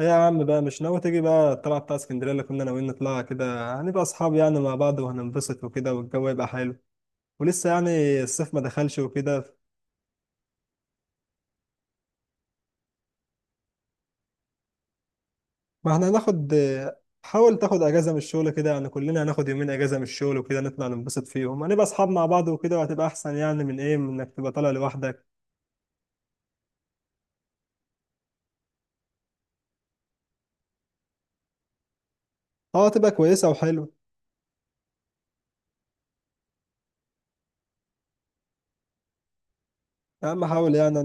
إيه يا عم بقى مش ناوي تيجي بقى الطلعة بتاع اسكندرية اللي كنا ناويين نطلعها كده؟ هنبقى أصحاب يعني مع بعض وهننبسط وكده، والجو يبقى حلو، ولسه يعني الصيف ما دخلش وكده. ما احنا هناخد. حاول تاخد أجازة من الشغل كده، يعني كلنا هناخد يومين أجازة من الشغل وكده نطلع ننبسط فيهم، هنبقى أصحاب مع بعض وكده، وهتبقى أحسن يعني من إيه، من إنك تبقى طالع لوحدك. أه هتبقى كويسة وحلوة. يا عم حاول يعني.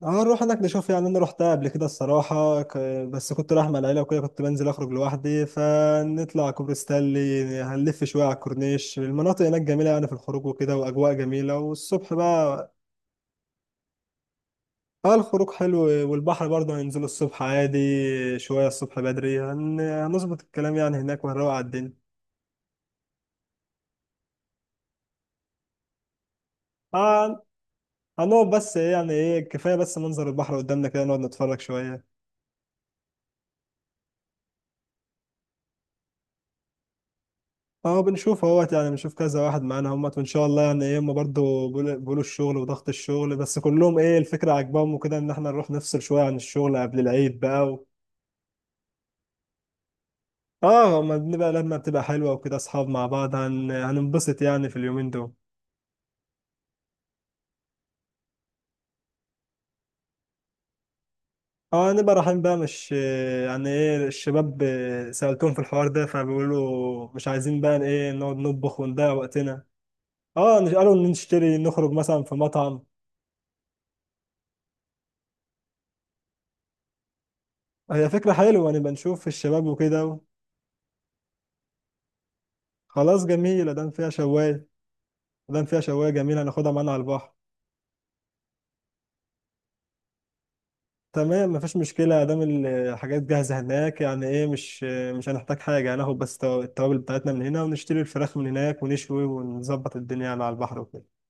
اه نروح هناك نشوف، يعني انا رحتها قبل كده الصراحه بس كنت رايح مع العيله وكده، كنت بنزل اخرج لوحدي، فنطلع كوبري ستانلي هنلف شويه على الكورنيش، المناطق هناك جميله يعني في الخروج وكده، واجواء جميله، والصبح بقى. اه الخروج حلو، والبحر برضه هننزل الصبح عادي. شويه الصبح بدري هنظبط الكلام يعني هناك وهنروق على الدنيا. آه هنقعد بس إيه، يعني ايه، كفايه بس منظر البحر قدامنا كده نقعد نتفرج شويه. اه بنشوف اهوت يعني، بنشوف كذا واحد معانا همت وان شاء الله يعني ايه، هم برضه بيقولوا الشغل وضغط الشغل، بس كلهم ايه الفكره عاجباهم وكده ان احنا نروح نفصل شويه عن الشغل قبل العيد بقى اه ما بنبقى، لما بتبقى حلوه وكده اصحاب مع بعض هننبسط يعني في اليومين دول. اه نبقى رايحين بقى مش، يعني ايه الشباب سألتهم في الحوار ده، فبيقولوا مش عايزين بقى ايه، نقعد نطبخ ونضيع وقتنا. اه قالوا نشتري نخرج مثلا في مطعم. هي فكرة حلوة نبقى نشوف الشباب وكده. خلاص جميل ادام فيها شوايه، ادام فيها شوايه جميله هناخدها معانا على البحر. تمام، مفيش مشكله ادام الحاجات جاهزه هناك يعني ايه، مش هنحتاج حاجه، هناخد بس التوابل بتاعتنا من هنا، ونشتري الفراخ من هناك ونشوي ونظبط الدنيا يعني على البحر وكده.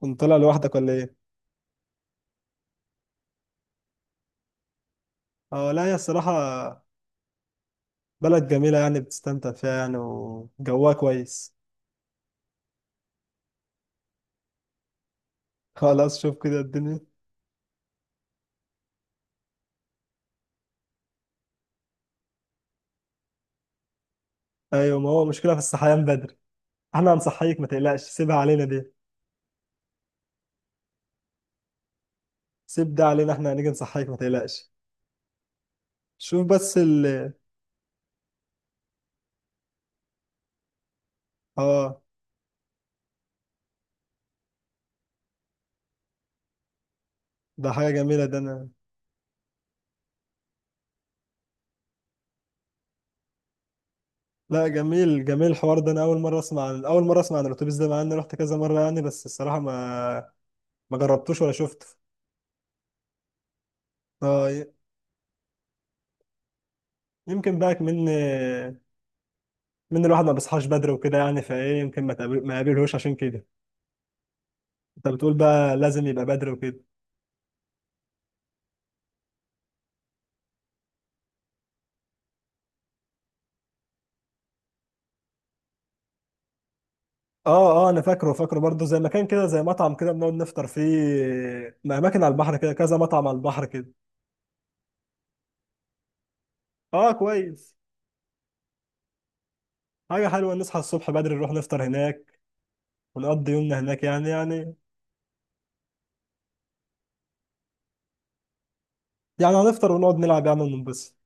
كنت طالع لوحدك ولا ايه؟ اه لا، هي الصراحه بلد جميله يعني بتستمتع فيها يعني، وجوها كويس. خلاص شوف كده الدنيا. ايوه، ما هو مشكله في الصحيان بدري، احنا هنصحيك ما تقلقش، سيبها علينا دي. سيب ده علينا، احنا هنيجي نصحيك ما تقلقش. شوف بس اه ده حاجة جميلة ده انا. لا جميل جميل الحوار ده، انا اول مرة اسمع عن الاتوبيس ده مع اني رحت كذا مرة يعني، بس الصراحة ما جربتوش ولا شفته. اه يمكن بقى من الواحد ما بيصحاش بدري وكده يعني، فايه يمكن ما يقابلهوش عشان كده. انت بتقول بقى لازم يبقى بدري وكده. اه اه انا فاكره فاكره برضه زي مكان كده، زي مطعم كده بنقعد نفطر فيه. ما اماكن على البحر كده كذا مطعم على البحر كده. اه كويس. حاجة حلوة نصحى الصبح بدري نروح نفطر هناك، ونقضي يومنا هناك يعني يعني. يعني هنفطر ونقعد نلعب يا عم وننبسط.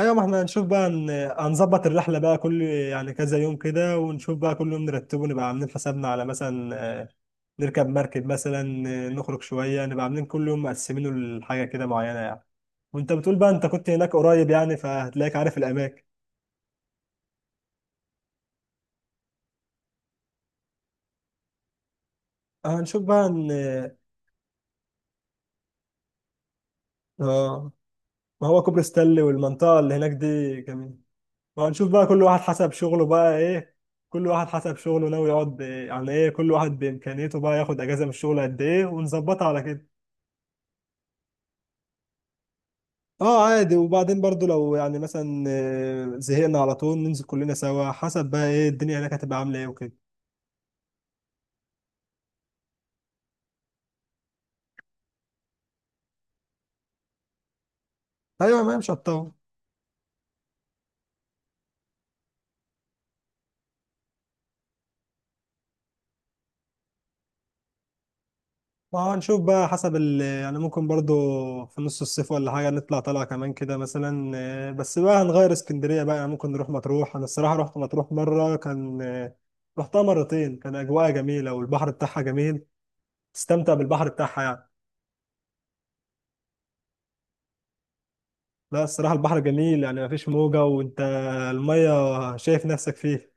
ايوه ما احنا هنشوف بقى هنظبط الرحله بقى كل يعني كذا يوم كده، ونشوف بقى كل يوم نرتبه، نبقى عاملين حسابنا على مثلا نركب مركب، مثلا نخرج شويه، نبقى عاملين كل يوم مقسمينه لحاجه كده معينه يعني. وانت بتقول بقى انت كنت هناك قريب يعني، فهتلاقيك عارف الاماكن. هنشوف بقى ان. اه ما هو كوبري ستانلي والمنطقه اللي هناك دي جميله. وهنشوف بقى كل واحد حسب شغله بقى ايه، كل واحد حسب شغله ناوي يقعد إيه على ايه، كل واحد بامكانيته بقى ياخد اجازه من الشغل قد ايه ونظبطها على كده. اه عادي، وبعدين برضو لو يعني مثلا زهقنا على طول ننزل كلنا سوا، حسب بقى ايه الدنيا هناك هتبقى عامله ايه وكده. ايوه ما هي مش هتطول. ما هو هنشوف بقى حسب ال يعني، ممكن برضو في نص الصيف ولا حاجة نطلع طلعة كمان كده مثلا. بس بقى هنغير اسكندرية بقى، يعني ممكن نروح مطروح. أنا الصراحة رحت مطروح مرة كان رحتها مرتين، كان أجواءها جميلة والبحر بتاعها جميل. تستمتع بالبحر بتاعها يعني. لا الصراحة البحر جميل يعني مفيش موجة، وأنت. المية شايف نفسك فيه.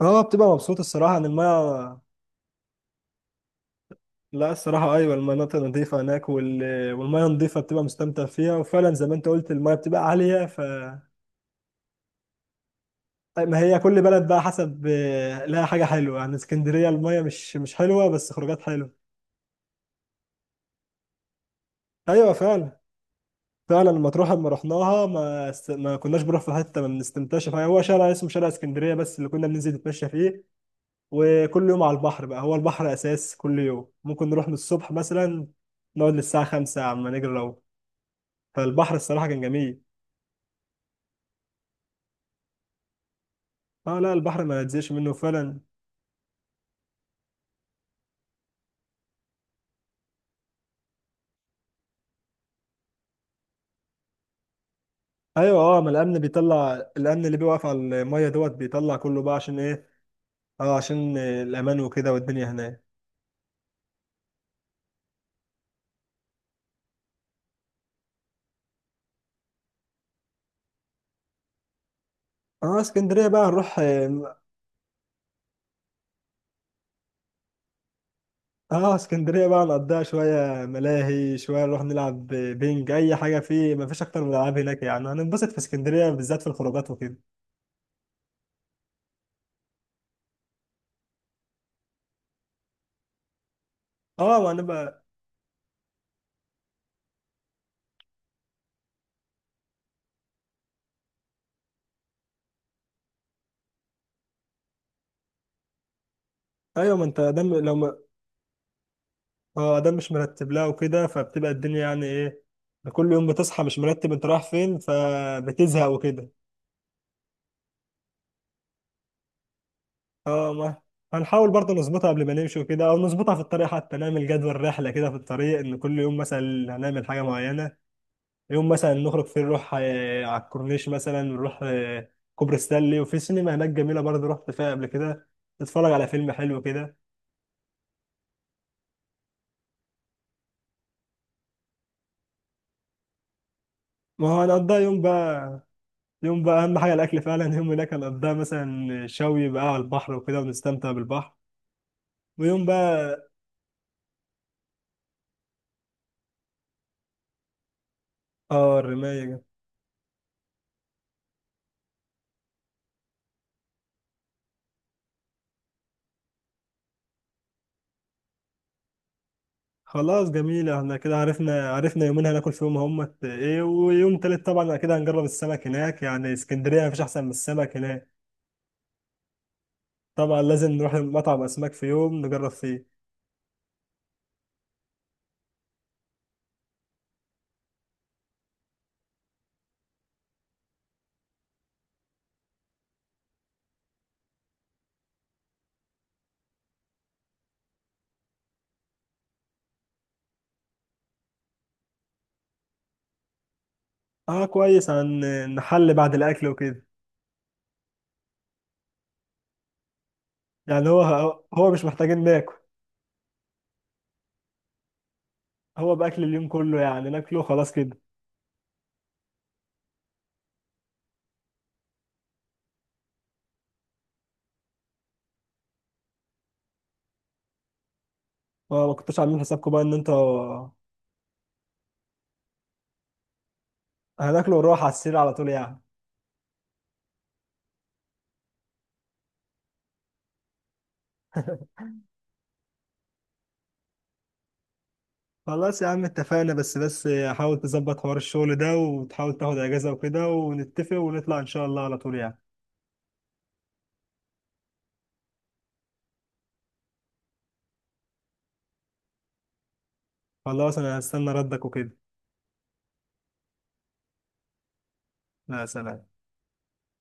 اه بتبقى مبسوط الصراحة إن المية. لا الصراحة أيوة المناطق نظيفة هناك والمية نظيفة بتبقى مستمتع فيها، وفعلا زي ما أنت قلت المية بتبقى عالية ف. طيب، ما هي كل بلد بقى حسب لها حاجة حلوة، يعني اسكندرية المية مش حلوة بس خروجات حلوة. أيوة فعلا. فعلا مطروح لما رحناها ما كناش بنروح في حتة ما بنستمتعش فيها، هو شارع اسمه شارع اسكندرية بس اللي كنا بننزل نتمشى فيه، وكل يوم على البحر بقى، هو البحر أساس، كل يوم ممكن نروح من الصبح مثلا نقعد للساعة 5 عما نجري لو. فالبحر الصراحة كان جميل. اه لا البحر ما تزهقش منه فعلا. ايوه. اه ما الامن بيطلع، الامن اللي بيوقف على الميه دوت بيطلع كله بقى عشان ايه. اه عشان الامان وكده والدنيا هناك. اه اسكندريه بقى نروح. اه اسكندريه بقى نقضيها شويه ملاهي، شويه نروح نلعب بينج اي حاجه فيه، ما فيش اكتر من الالعاب هناك، يعني هننبسط في اسكندريه بالذات في الخروجات وكده. اه ما هنبقى. ايوه ما انت دم لو ما. اه دم مش مرتب لها وكده، فبتبقى الدنيا يعني ايه، كل يوم بتصحى مش مرتب انت رايح فين فبتزهق وكده. اه ما هنحاول برضه نظبطها قبل ما نمشي وكده، او نظبطها في الطريق حتى، نعمل جدول رحله كده في الطريق ان كل يوم مثلا هنعمل حاجه معينه، يوم مثلا نخرج فيه نروح على الكورنيش، مثلا نروح كوبري ستانلي، وفي سينما هناك جميلة برضه رحت فيها قبل كده، نتفرج على فيلم حلو كده. ما هو هنقضيها يوم بقى، يوم بقى أهم حاجة الأكل فعلا، يوم هناك هنقضيها مثلا شوي بقى على البحر وكده ونستمتع بالبحر، ويوم بقى. اه خلاص جميلة، احنا كده عرفنا يومين هناكل فيهم هم ايه، ويوم تالت طبعا كده هنجرب السمك هناك، يعني اسكندرية مفيش أحسن من السمك هناك. طبعا لازم نروح مطعم أسماك في يوم نجرب فيه. اه كويس عن. نحل بعد الاكل وكده يعني. هو مش محتاجين ناكل، هو باكل اليوم كله يعني، ناكله خلاص كده. ما كنتش عاملين حسابكم بقى ان انتوا. هناكله ونروح على السرير على طول يعني. خلاص يا عم اتفقنا، بس حاول تظبط حوار الشغل ده، وتحاول تاخد اجازة وكده، ونتفق ونطلع ان شاء الله على طول يعني. خلاص انا هستنى ردك وكده. لا، سلام.